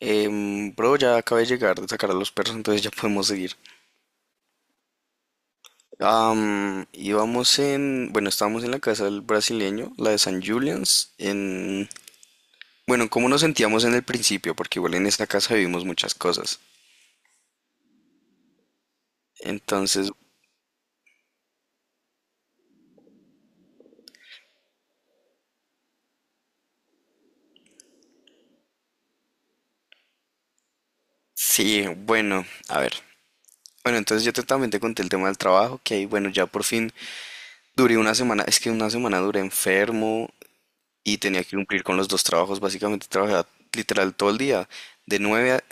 Bro, ya acabé de llegar de sacar a los perros, entonces ya podemos seguir. Íbamos en, bueno, estábamos en la casa del brasileño, la de San Julian's, en, bueno, ¿cómo nos sentíamos en el principio? Porque igual en esta casa vivimos muchas cosas. Entonces, sí, bueno, a ver. Bueno, entonces también te conté el tema del trabajo, que ahí, bueno, ya por fin duré una semana, es que una semana duré enfermo, y tenía que cumplir con los dos trabajos. Básicamente trabajaba literal todo el día, de 9 a,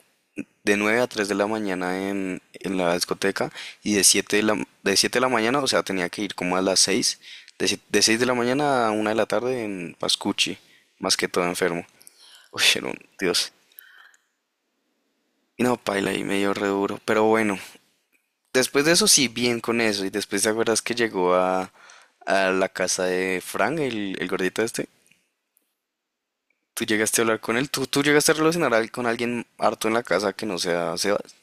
de 9 a 3 de la mañana en la discoteca y de 7 de la mañana, o sea, tenía que ir como a las 6 de, si- de 6 de la mañana a una de la tarde en Pascucci, más que todo enfermo. Uy, era un Dios. Y no, paila, y medio re duro. Pero bueno, después de eso sí, bien con eso. Y después te acuerdas que a la casa de Frank, el gordito este. Tú llegaste a hablar con él, tú llegaste a con alguien harto en la casa que no sea Sebas.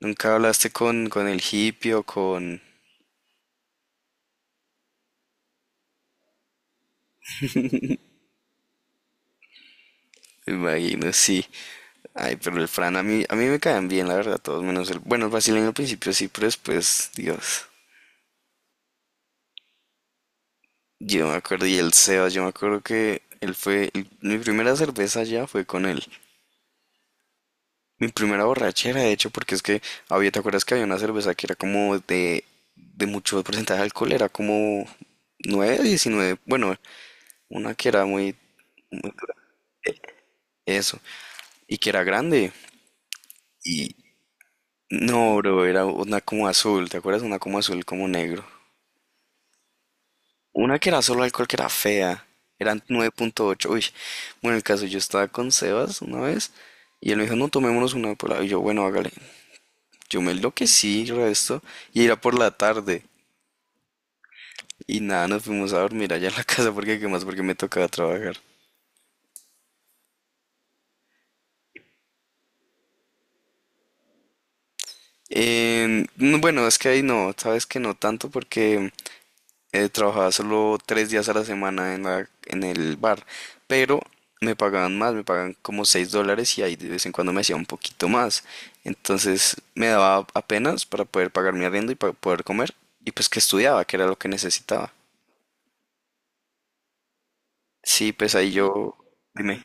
Nunca hablaste con el hippie o con. Me imagino, sí. Ay, pero el Fran, a mí me caen bien, la verdad, todos menos el. Bueno, el brasileño al principio sí, pero después, Dios. Yo me acuerdo, y el Sebas, yo me acuerdo que él fue. Mi primera cerveza ya fue con él. Mi primera borrachera, de hecho, porque es que había, ¿te acuerdas que había una cerveza que era como de mucho porcentaje de alcohol? Era como nueve, 19, bueno, una que era muy eso, y que era grande. Y no, bro, era una como azul, ¿te acuerdas? Una como azul, como negro. Una que era solo alcohol, que era fea. Eran nueve punto ocho. Uy, bueno, el caso, yo estaba con Sebas una vez y él me dijo, no, tomémonos una por la. Y yo, bueno, hágale. Yo me enloquecí, resto, y era por la tarde. Y nada, nos fuimos a dormir allá en la casa porque, ¿qué más? Porque me tocaba trabajar. No, bueno, es que ahí no, sabes que no tanto porque trabajaba solo tres días a la semana en en el bar, pero me pagaban más, me pagaban como 6 dólares y ahí de vez en cuando me hacía un poquito más. Entonces me daba apenas para poder pagar mi arriendo y para poder comer, y pues que estudiaba, que era lo que necesitaba. Sí, pues ahí yo, dime,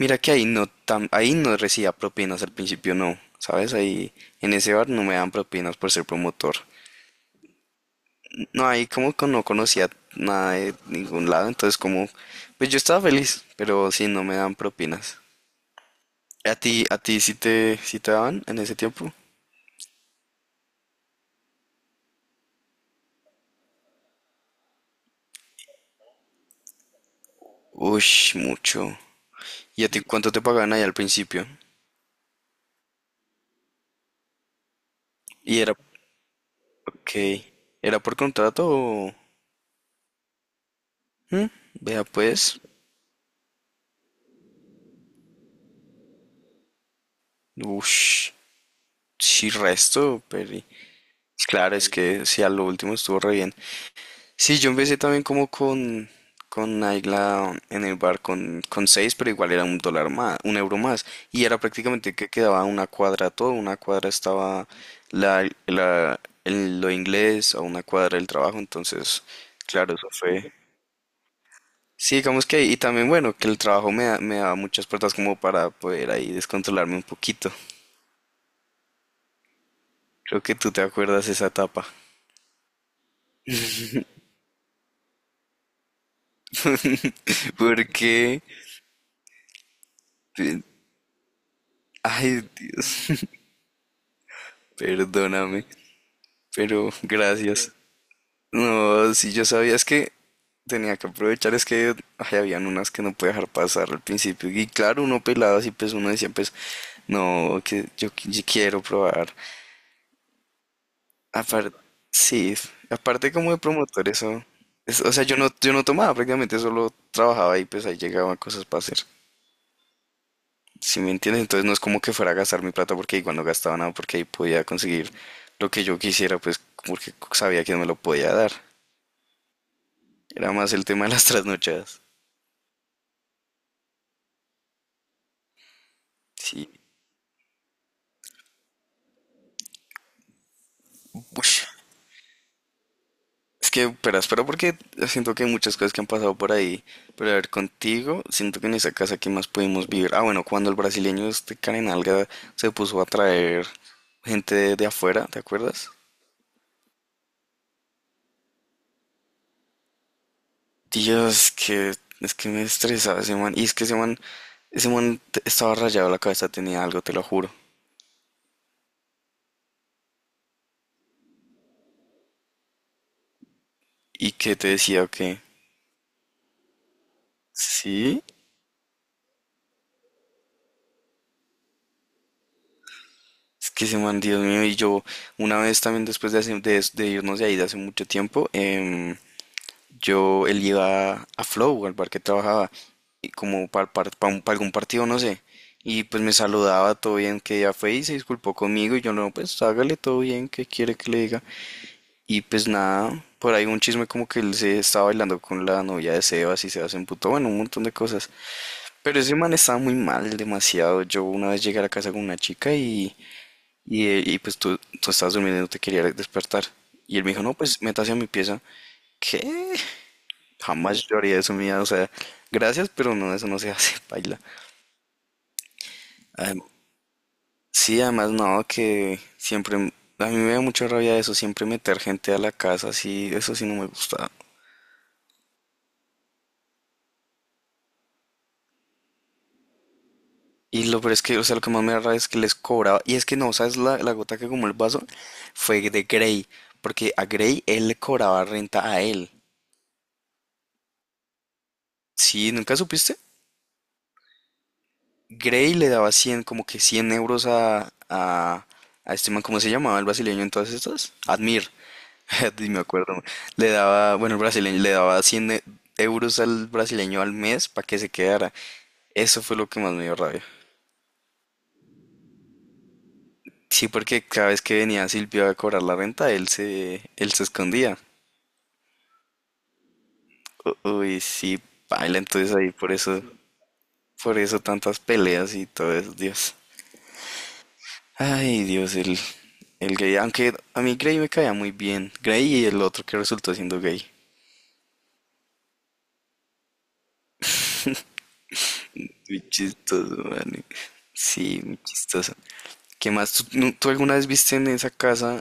mira que ahí no tan, ahí no recibía propinas al principio, no, ¿sabes? Ahí en ese bar no me dan propinas por ser promotor. No, ahí como que no conocía nada de ningún lado, entonces como, pues yo estaba feliz, pero sí, no me dan propinas. A ti sí sí te daban en ese tiempo? Ush, mucho. ¿Y a ti cuánto te pagaban ahí al principio? Y era, ok, ¿era por contrato o...? ¿Mm? Vea pues, ush, sí resto, pero claro, es que sí, a lo último estuvo re bien. Sí, yo empecé también con Naila en el bar con seis, pero igual era un dólar más, un euro más. Y era prácticamente que quedaba una cuadra todo, una cuadra estaba lo inglés, a una cuadra el trabajo, entonces, claro, eso fue. Sí, digamos que, ahí. Y también bueno, que el me daba muchas puertas como para poder ahí descontrolarme un poquito. Creo que tú te acuerdas esa etapa. Porque, ay, Dios, perdóname, pero gracias. No, si yo sabía, es que tenía que aprovechar, es que ay, habían unas que no podía dejar pasar al principio. Y claro, uno pelado así, pues uno decía, pues, no, que yo, yo quiero probar. Aparte, sí, aparte como de promotor, eso. O sea, yo no tomaba, prácticamente solo trabajaba y pues ahí llegaban cosas para hacer. Si me entiendes, entonces no es como que fuera a gastar mi plata porque igual no gastaba nada, porque ahí podía conseguir lo que yo quisiera, pues porque sabía que no me lo podía dar. Era más el tema de las trasnochadas. Sí. Ush, es que, espera, porque siento que hay muchas cosas que han pasado por ahí. Pero a ver, contigo, siento que en esa casa que más pudimos vivir. Ah, bueno, cuando el brasileño este Karen Alga se puso a traer gente de afuera, ¿te acuerdas? Dios, que es que me estresaba ese man. Y es que ese man, estaba rayado la cabeza, tenía algo, te lo juro. ¿Y qué te decía o qué? Sí, es que ese man, Dios mío, y yo una vez también después de, hace- de irnos de ahí de hace mucho tiempo, yo, él iba a Flow, al bar que trabajaba, y como para algún partido, no sé. Y pues me saludaba, todo bien, que ya fue y se disculpó conmigo. Y yo, no, pues hágale todo bien, ¿que quiere que le diga? Y pues nada, por ahí un chisme como que él se estaba bailando con la novia de Sebas y Sebas se emputó, bueno, un montón de cosas. Pero ese man estaba muy mal, demasiado. Yo una vez llegué a la casa con una chica y pues tú estabas durmiendo y no te quería despertar. Y él me dijo, no, pues métase a mi pieza. ¿Qué? Jamás lloraría haría eso, mía. O sea, gracias, pero no, eso no se hace, paila. Adem- sí, además, no, que siempre. A mí me da mucha rabia eso, siempre meter gente a la casa, sí, eso sí no me gusta. Y lo peor es que, o sea, lo que más me da rabia es que les cobraba. Y es que no, ¿sabes? La gota que como el vaso fue de Gray. Porque a Gray él le cobraba renta a él. Sí, ¿nunca supiste? Gray le daba 100, como que 100 euros a este man, ¿cómo se llamaba el brasileño en todas estas? Admir. Sí, me acuerdo. Le daba, bueno, el brasileño le daba euros al brasileño al mes para que se quedara. Eso fue lo que más me dio rabia. Sí, porque cada vez que venía Silvio a cobrar la renta, él se escondía. Uy, sí, baila entonces ahí por eso tantas peleas y todo eso, Dios. Ay, Dios, el gay. Aunque a mí Gray me caía muy bien. Gray y el otro que resultó siendo gay. Muy chistoso, man. Sí, muy chistoso. ¿Qué más? ¿Tú, no- tú alguna vez viste en esa casa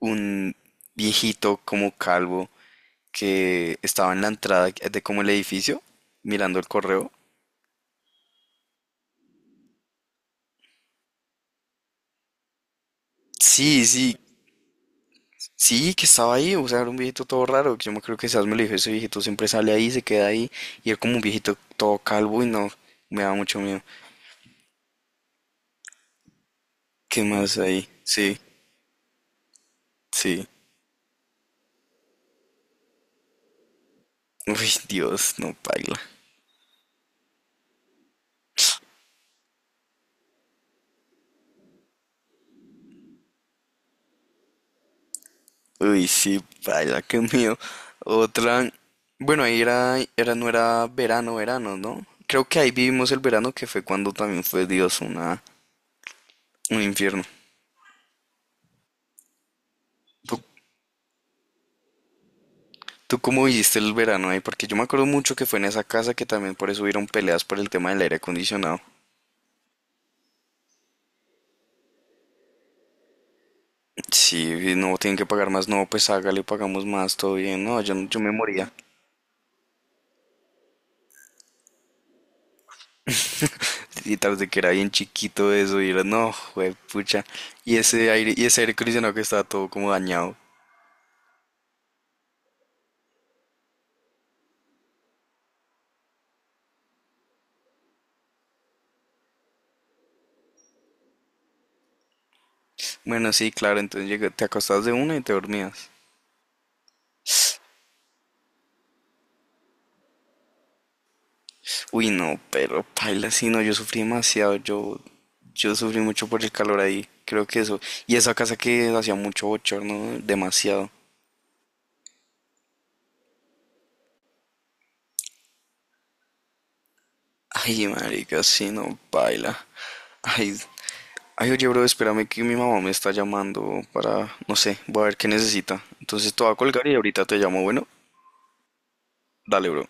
un viejito como calvo que estaba en la entrada de como el edificio mirando el correo? Sí, sí, sí, que estaba ahí, o sea, era un viejito todo raro, que yo me creo que Sas me lo dijo, ese viejito siempre sale ahí, se queda ahí, y era como un viejito todo calvo y no, me da mucho miedo. ¿Qué más ahí? Sí, sí. Uy, Dios, no paila. Uy, sí, vaya, qué mío. Otra, bueno, ahí no era verano, verano, ¿no? Creo que ahí vivimos el verano que fue cuando también fue Dios un infierno. ¿Tú, tú cómo viviste el verano ahí? Porque yo me acuerdo mucho que fue en esa casa que también por eso hubieron peleas por el tema del aire acondicionado. Sí, no, tienen que pagar más, no, pues hágale, pagamos más, todo bien. No, yo me moría. Y tras de que era bien chiquito eso, y era, no, güey, pucha. Y ese aire acondicionado que estaba todo como dañado. Bueno, sí, claro, entonces te acostabas de una y te dormías. Uy, no, pero paila, sí, no, yo yo sufrí mucho por el calor ahí, creo que eso. Y esa casa que hacía mucho bochorno, demasiado. Ay, marica, sí, no, paila. Ay, ay, oye, bro, espérame que mi mamá me está llamando para, no sé, voy a ver qué necesita. Entonces te voy a colgar y ahorita te llamo, bueno, dale, bro.